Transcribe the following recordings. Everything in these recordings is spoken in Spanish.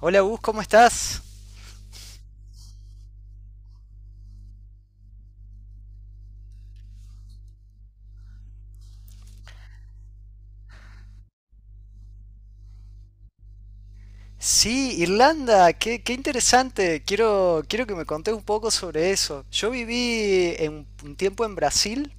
Hola Gus, ¿cómo estás? Sí, Irlanda, qué interesante. Quiero que me contés un poco sobre eso. Yo viví en, un tiempo en Brasil,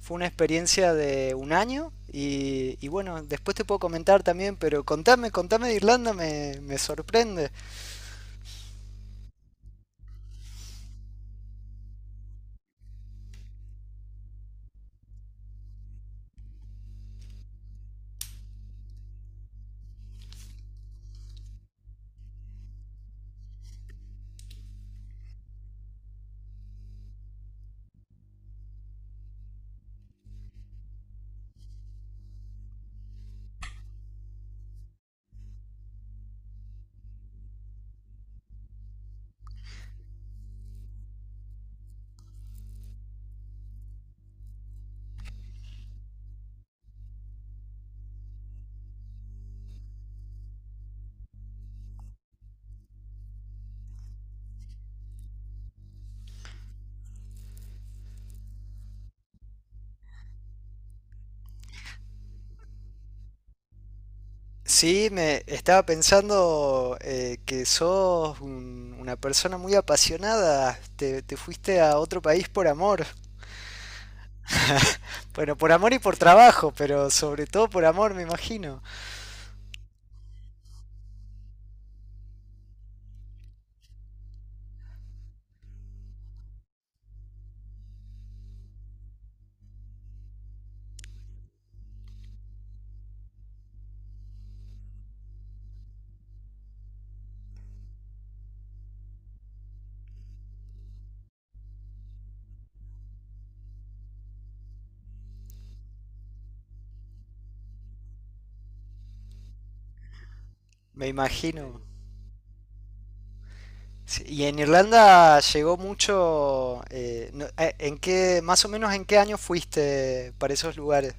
fue una experiencia de un año y bueno, después te puedo comentar también, pero contame de Irlanda, me sorprende. Sí, me estaba pensando que sos una persona muy apasionada, te fuiste a otro país por amor. Bueno, por amor y por trabajo, pero sobre todo por amor, me imagino. Me imagino. Sí, y en Irlanda llegó mucho. ¿En qué, más o menos en qué año fuiste para esos lugares?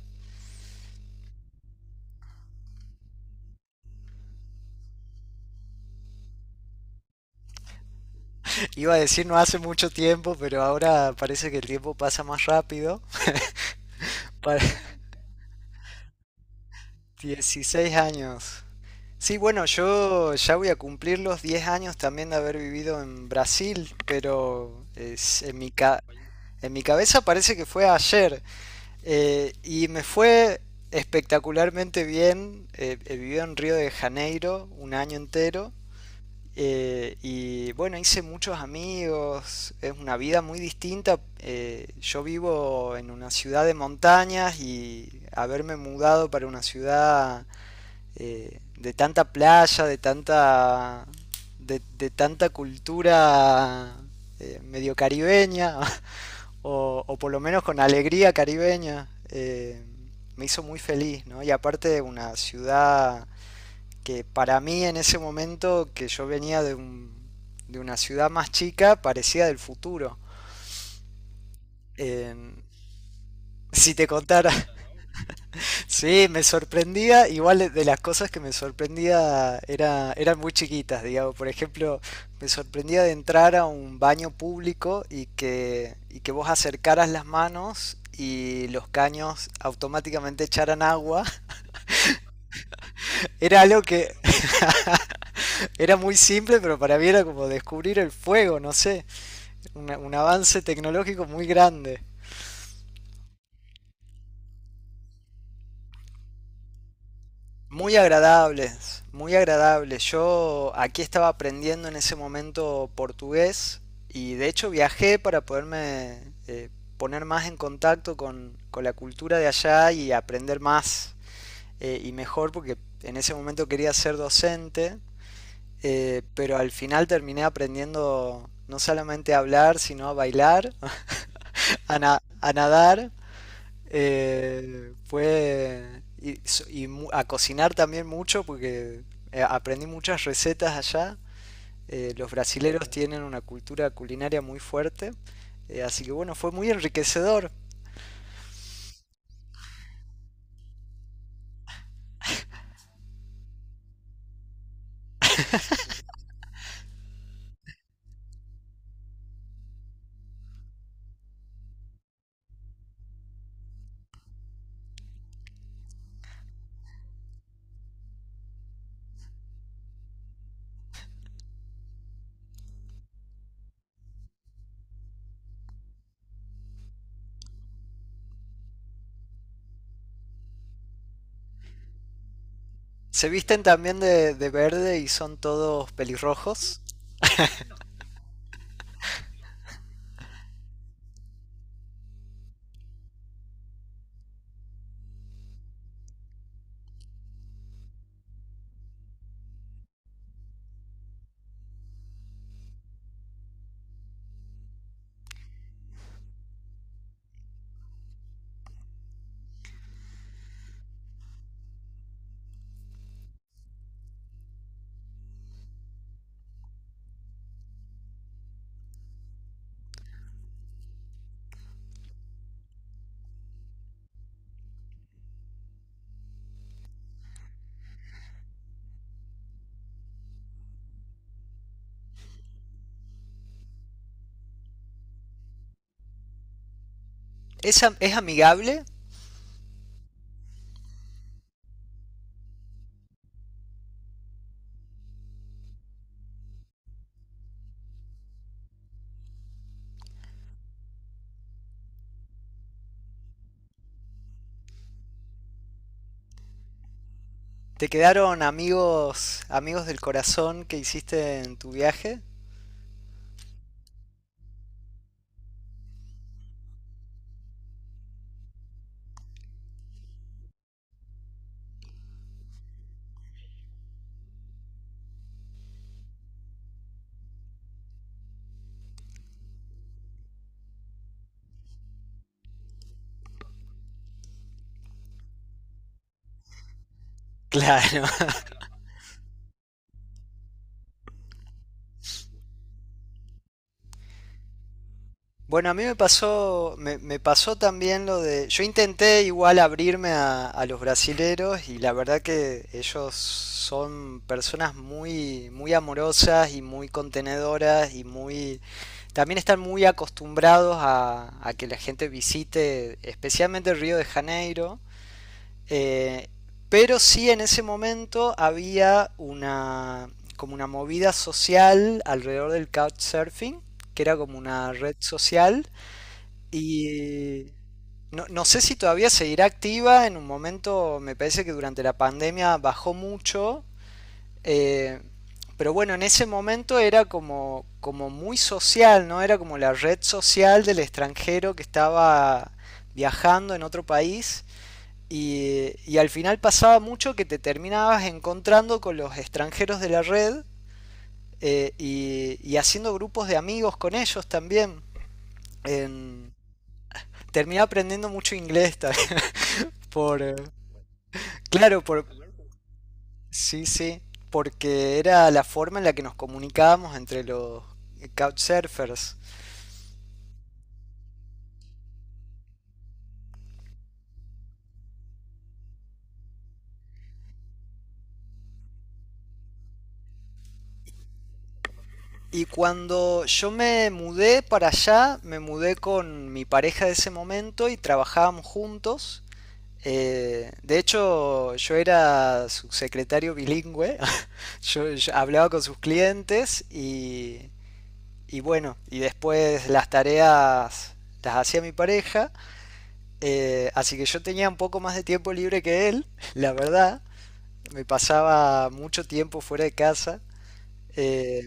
Iba a decir no hace mucho tiempo, pero ahora parece que el tiempo pasa más rápido. Para 16 años. Sí, bueno, yo ya voy a cumplir los 10 años también de haber vivido en Brasil, pero en mi en mi cabeza parece que fue ayer. Y me fue espectacularmente bien. Viví en Río de Janeiro un año entero. Y bueno, hice muchos amigos. Es una vida muy distinta. Yo vivo en una ciudad de montañas y haberme mudado para una ciudad de tanta playa, de tanta, de tanta cultura medio caribeña. O por lo menos con alegría caribeña, me hizo muy feliz, ¿no? Y aparte una ciudad que para mí en ese momento, que yo venía de, un, de una ciudad más chica, parecía del futuro. Eh, si te contara, sí, me sorprendía, igual de las cosas que me sorprendía era, eran muy chiquitas, digamos. Por ejemplo, me sorprendía de entrar a un baño público y que vos acercaras las manos y los caños automáticamente echaran agua. Era algo que era muy simple, pero para mí era como descubrir el fuego, no sé, un avance tecnológico muy grande. Muy agradables, muy agradables. Yo aquí estaba aprendiendo en ese momento portugués y de hecho viajé para poderme eh, poner más en contacto con la cultura de allá y aprender más y mejor porque en ese momento quería ser docente, pero al final terminé aprendiendo no solamente a hablar, sino a bailar, a nadar fue y, so- y mu- a cocinar también mucho porque aprendí muchas recetas allá. Los brasileros tienen una cultura culinaria muy fuerte, así que bueno, fue muy enriquecedor. Se visten también de verde y son todos pelirrojos. Es amigable. ¿Te quedaron amigos, amigos del corazón que hiciste en tu viaje? Claro. Bueno, a mí me pasó, me pasó también lo de, yo intenté igual abrirme a los brasileros y la verdad que ellos son personas muy, muy amorosas y muy contenedoras y muy, también están muy acostumbrados a que la gente visite, especialmente Río de Janeiro. eh, pero sí en ese momento había una, como una movida social alrededor del couchsurfing, que era como una red social y no, no sé si todavía seguirá activa. En un momento me parece que durante la pandemia bajó mucho. eh, pero bueno, en ese momento era como, como muy social, ¿no? Era como la red social del extranjero que estaba viajando en otro país. Y al final pasaba mucho que te terminabas encontrando con los extranjeros de la red y haciendo grupos de amigos con ellos también. En- Terminé aprendiendo mucho inglés también. Por, eh, claro, por, sí, sí, porque era la forma en la que nos comunicábamos entre los couchsurfers. Y cuando yo me mudé para allá, me mudé con mi pareja de ese momento y trabajábamos juntos. De hecho, yo era subsecretario bilingüe, yo hablaba con sus clientes y bueno, y después las tareas las hacía mi pareja. Así que yo tenía un poco más de tiempo libre que él, la verdad. Me pasaba mucho tiempo fuera de casa, eh,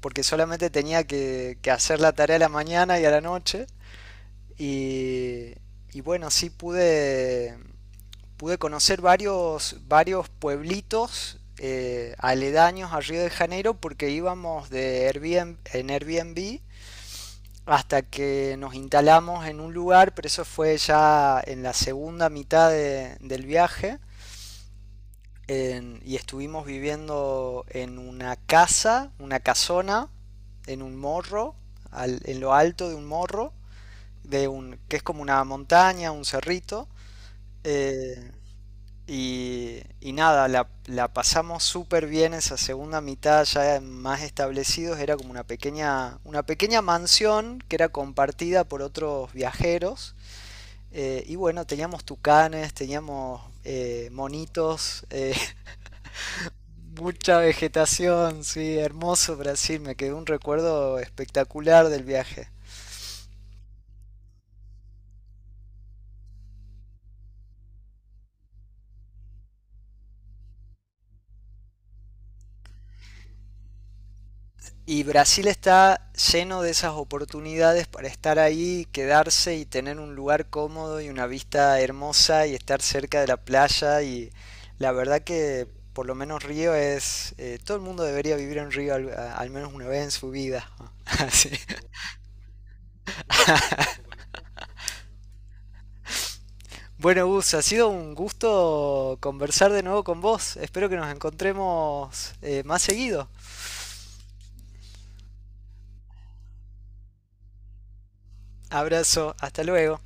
porque solamente tenía que hacer la tarea a la mañana y a la noche. Y, y bueno, sí pude conocer varios, varios pueblitos aledaños a Río de Janeiro porque íbamos de Airbnb, en Airbnb hasta que nos instalamos en un lugar, pero eso fue ya en la segunda mitad del viaje. Y estuvimos viviendo en una casa, una casona, en un morro, en lo alto de un morro, de un, que es como una montaña, un cerrito. eh, y nada, la pasamos súper bien esa segunda mitad, ya más establecidos. Era como una pequeña mansión que era compartida por otros viajeros. Y bueno, teníamos tucanes, teníamos monitos, mucha vegetación, sí, hermoso Brasil, me quedó un recuerdo espectacular del viaje. Y Brasil está lleno de esas oportunidades para estar ahí, quedarse y tener un lugar cómodo y una vista hermosa y estar cerca de la playa. Y la verdad que por lo menos Río es... todo el mundo debería vivir en Río al, al menos una vez en su vida. Así. Bueno, Gus, ha sido un gusto conversar de nuevo con vos. Espero que nos encontremos más seguido. Abrazo, hasta luego.